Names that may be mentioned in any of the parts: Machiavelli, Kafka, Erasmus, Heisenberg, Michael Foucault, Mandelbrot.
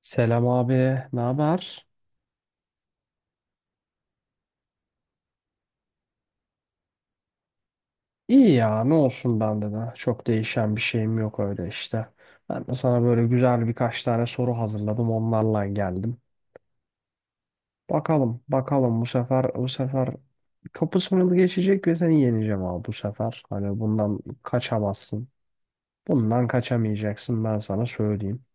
Selam abi, ne haber? İyi ya, ne olsun bende de. Çok değişen bir şeyim yok öyle işte. Ben de sana böyle güzel birkaç tane soru hazırladım, onlarla geldim. Bakalım, bakalım bu sefer kapı sınırı geçecek ve seni yeneceğim abi bu sefer. Hani bundan kaçamazsın. Bundan kaçamayacaksın ben sana söyleyeyim.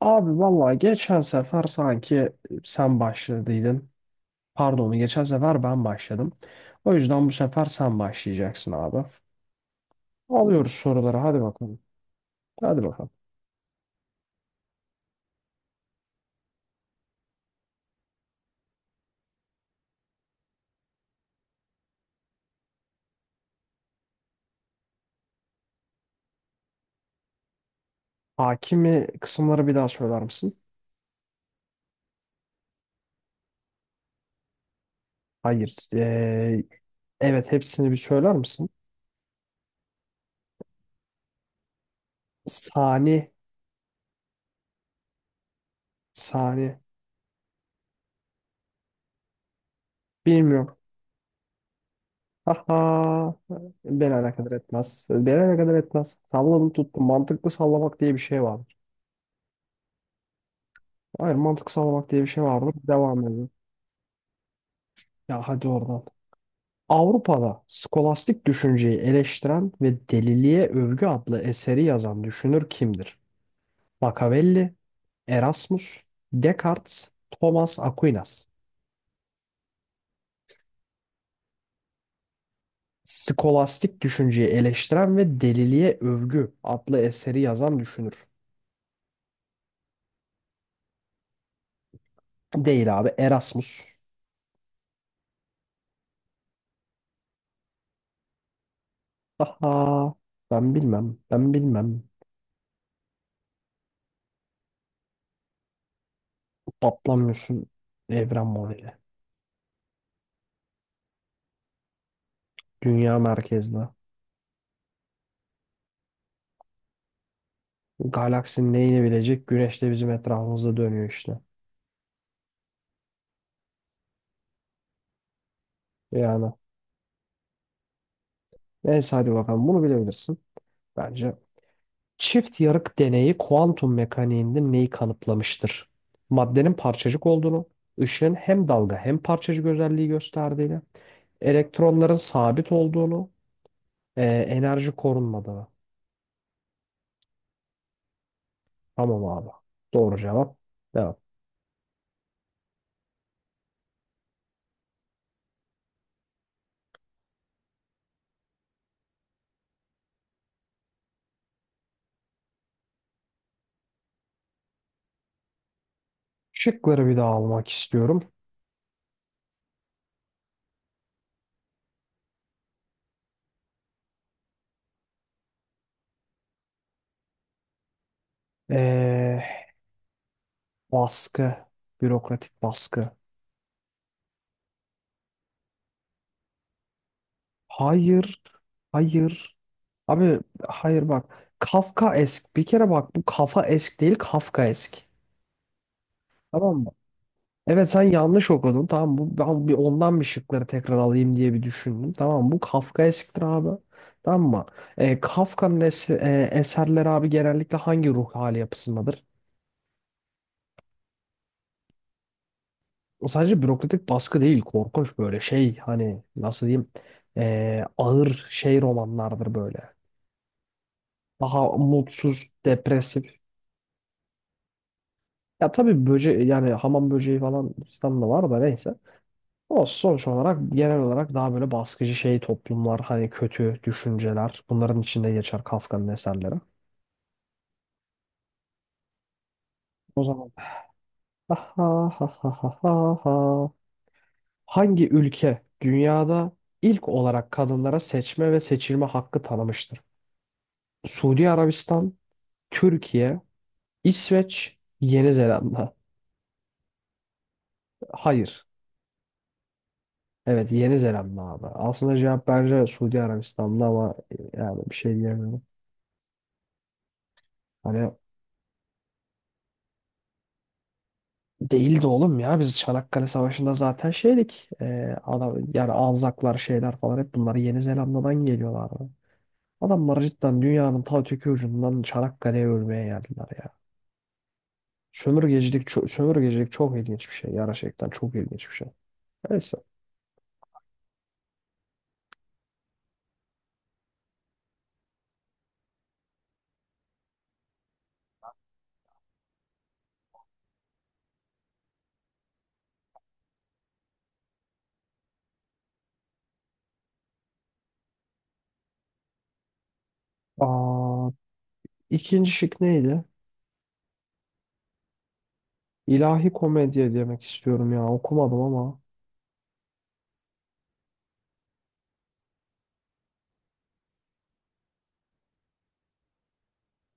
Abi vallahi geçen sefer sanki sen başladıydın. Pardon, geçen sefer ben başladım. O yüzden bu sefer sen başlayacaksın abi. Alıyoruz soruları. Hadi bakalım. Hadi bakalım. Hakimi kısımları bir daha söyler misin? Hayır. Evet hepsini bir söyler misin? Sani. Sani. Bilmiyorum. Aha. Beni alakadar etmez. Beni alakadar etmez. Salladım tuttum. Mantıklı sallamak diye bir şey vardır. Hayır mantıklı sallamak diye bir şey vardır. Devam edelim. Ya hadi oradan. Avrupa'da skolastik düşünceyi eleştiren ve Deliliğe Övgü adlı eseri yazan düşünür kimdir? Machiavelli, Erasmus, Descartes, Thomas Aquinas. Skolastik düşünceyi eleştiren ve Deliliğe Övgü adlı eseri yazan düşünür. Değil abi Erasmus. Aha ben bilmem. Patlamıyorsun evren modeli. Dünya merkezli. Galaksinin neyini bilecek? Güneş de bizim etrafımızda dönüyor işte. Yani neyse hadi bakalım bunu bilebilirsin. Bence çift yarık deneyi kuantum mekaniğinde neyi kanıtlamıştır? Maddenin parçacık olduğunu, ışığın hem dalga hem parçacık özelliği gösterdiğini, elektronların sabit olduğunu, enerji korunmadığını. Tamam abi. Doğru cevap. Devam. Şıkları bir daha almak istiyorum. Ee, Baskı, bürokratik baskı. Hayır, hayır. Abi hayır bak. Kafkaesk. Bir kere bak bu kafa esk değil Kafkaesk. Tamam mı? Evet sen yanlış okudun. Tamam bu ben bir ondan bir şıkları tekrar alayım diye bir düşündüm. Tamam bu Kafka eskidir abi. Tamam mı? E, Kafka'nın es- Eserleri abi genellikle hangi ruh hali yapısındadır? Sadece bürokratik baskı değil korkunç böyle şey hani nasıl diyeyim ağır şey romanlardır böyle. Daha mutsuz, depresif. Ya tabii böce yani hamam böceği falan filan da var da neyse. O sonuç olarak genel olarak daha böyle baskıcı şey toplumlar, hani kötü düşünceler bunların içinde geçer Kafka'nın eserleri. O zaman ha ha ha ha ha ha. Ha. Hangi ülke dünyada ilk olarak kadınlara seçme ve seçilme hakkı tanımıştır? Suudi Arabistan, Türkiye, İsveç, Yeni Zelanda. Hayır. Evet Yeni Zelanda abi. Aslında cevap bence Suudi Arabistan'da ama yani bir şey diyemiyorum. Hani değildi oğlum ya. Biz Çanakkale Savaşı'nda zaten şeydik. Adam, yani Anzaklar şeyler falan hep bunları Yeni Zelanda'dan geliyorlardı. Adamlar cidden dünyanın ta öteki ucundan Çanakkale'ye ölmeye geldiler ya. Sömürgecilik çok ilginç bir şey. Gerçekten çok ilginç bir şey. Neyse. Aa, ikinci şık neydi? İlahi komedya demek istiyorum ya. Okumadım ama.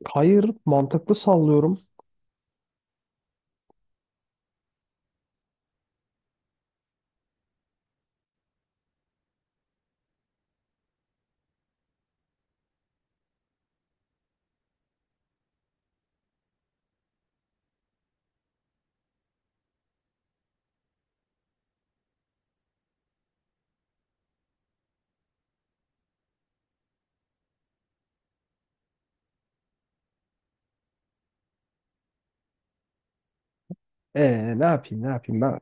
Hayır, mantıklı sallıyorum. Ne yapayım ben?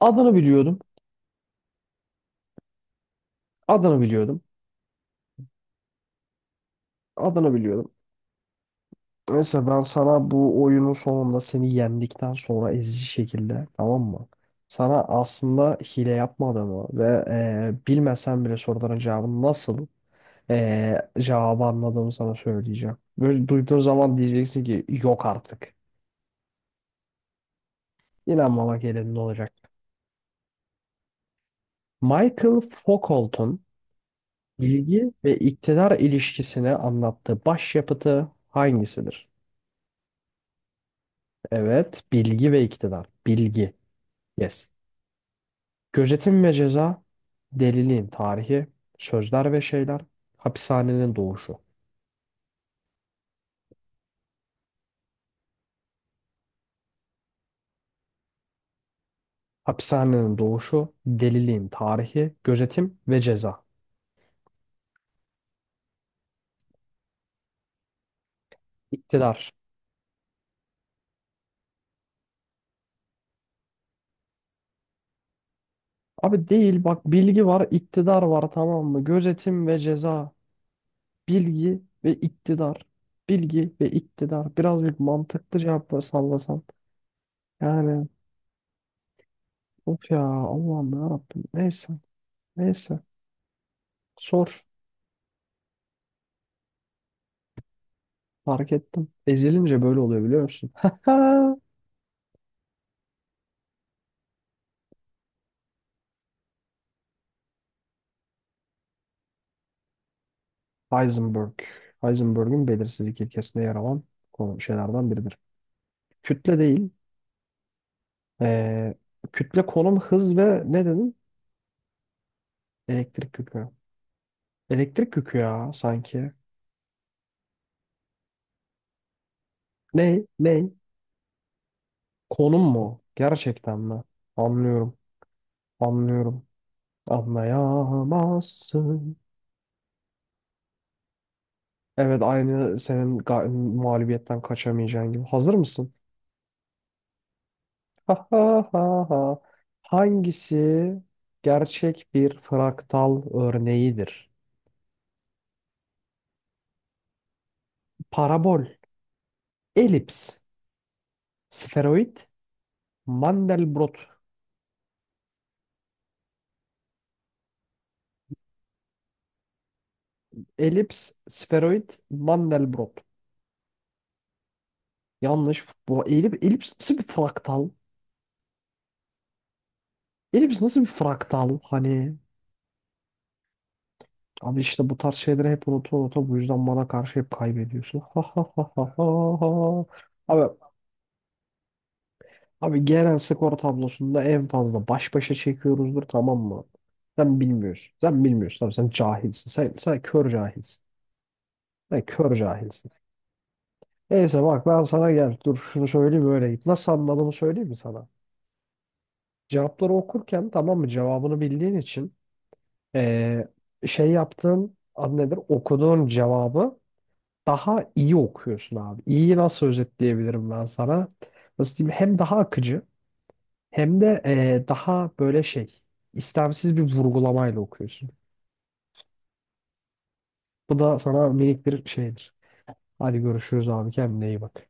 Adını biliyordum. Adını biliyordum. Adını biliyordum. Mesela ben sana bu oyunun sonunda seni yendikten sonra ezici şekilde tamam mı? Sana aslında hile yapmadığımı ve bilmesen bile soruların cevabını cevabı anladığımı sana söyleyeceğim. Böyle duyduğun zaman diyeceksin ki yok artık. İnanmamak elinde olacak. Michael Foucault'un bilgi ve iktidar ilişkisini anlattığı başyapıtı hangisidir? Evet, bilgi ve iktidar. Bilgi. Yes. Gözetim ve ceza, deliliğin tarihi, sözler ve şeyler, hapishanenin doğuşu. Hapishanenin doğuşu, deliliğin tarihi, gözetim ve ceza. İktidar. Abi değil bak bilgi var, iktidar var tamam mı? Gözetim ve ceza, bilgi ve iktidar. Bilgi ve iktidar. Birazcık mantıklı cevapları sallasan. Yani of ya Allah'ım ya Rabbim. Neyse. Sor. Fark ettim. Ezilince böyle oluyor biliyor musun? Heisenberg. Heisenberg'ün belirsizlik ilkesinde yer alan konu şeylerden biridir. Kütle değil. ee, Kütle, konum, hız ve ne dedim? Elektrik yükü. Elektrik yükü ya sanki. Ne? Ne? Konum mu? Gerçekten mi? Anlıyorum. Anlıyorum. Anlayamazsın. Evet aynı mağlubiyetten kaçamayacağın gibi. Hazır mısın? Ha ha ha ha. Hangisi gerçek bir fraktal örneğidir? Parabol, elips, sferoid, Mandelbrot. Elips, sferoid, Mandelbrot. Yanlış. Bu elips nasıl bir fraktal? Elips nasıl bir fraktal? Hani abi işte bu tarz şeyleri hep unuta unuta bu yüzden bana karşı hep kaybediyorsun. Ha ha ha ha ha. Ha. Abi, abi genel skor tablosunda en fazla baş başa çekiyoruzdur tamam mı? Sen bilmiyorsun. Sen bilmiyorsun. Abi sen cahilsin. Sen kör cahilsin. Sen kör cahilsin. Neyse bak ben sana gel dur şunu söyleyeyim öyle git. Nasıl anladığımı söyleyeyim mi sana? Cevapları okurken tamam mı cevabını bildiğin için eee, şey yaptığın adı nedir okuduğun cevabı daha iyi okuyorsun abi. İyi nasıl özetleyebilirim ben sana? Nasıl diyeyim hem daha akıcı hem de daha böyle şey istemsiz bir vurgulamayla okuyorsun. Bu da sana minik bir şeydir. Hadi görüşürüz abi kendine iyi bak.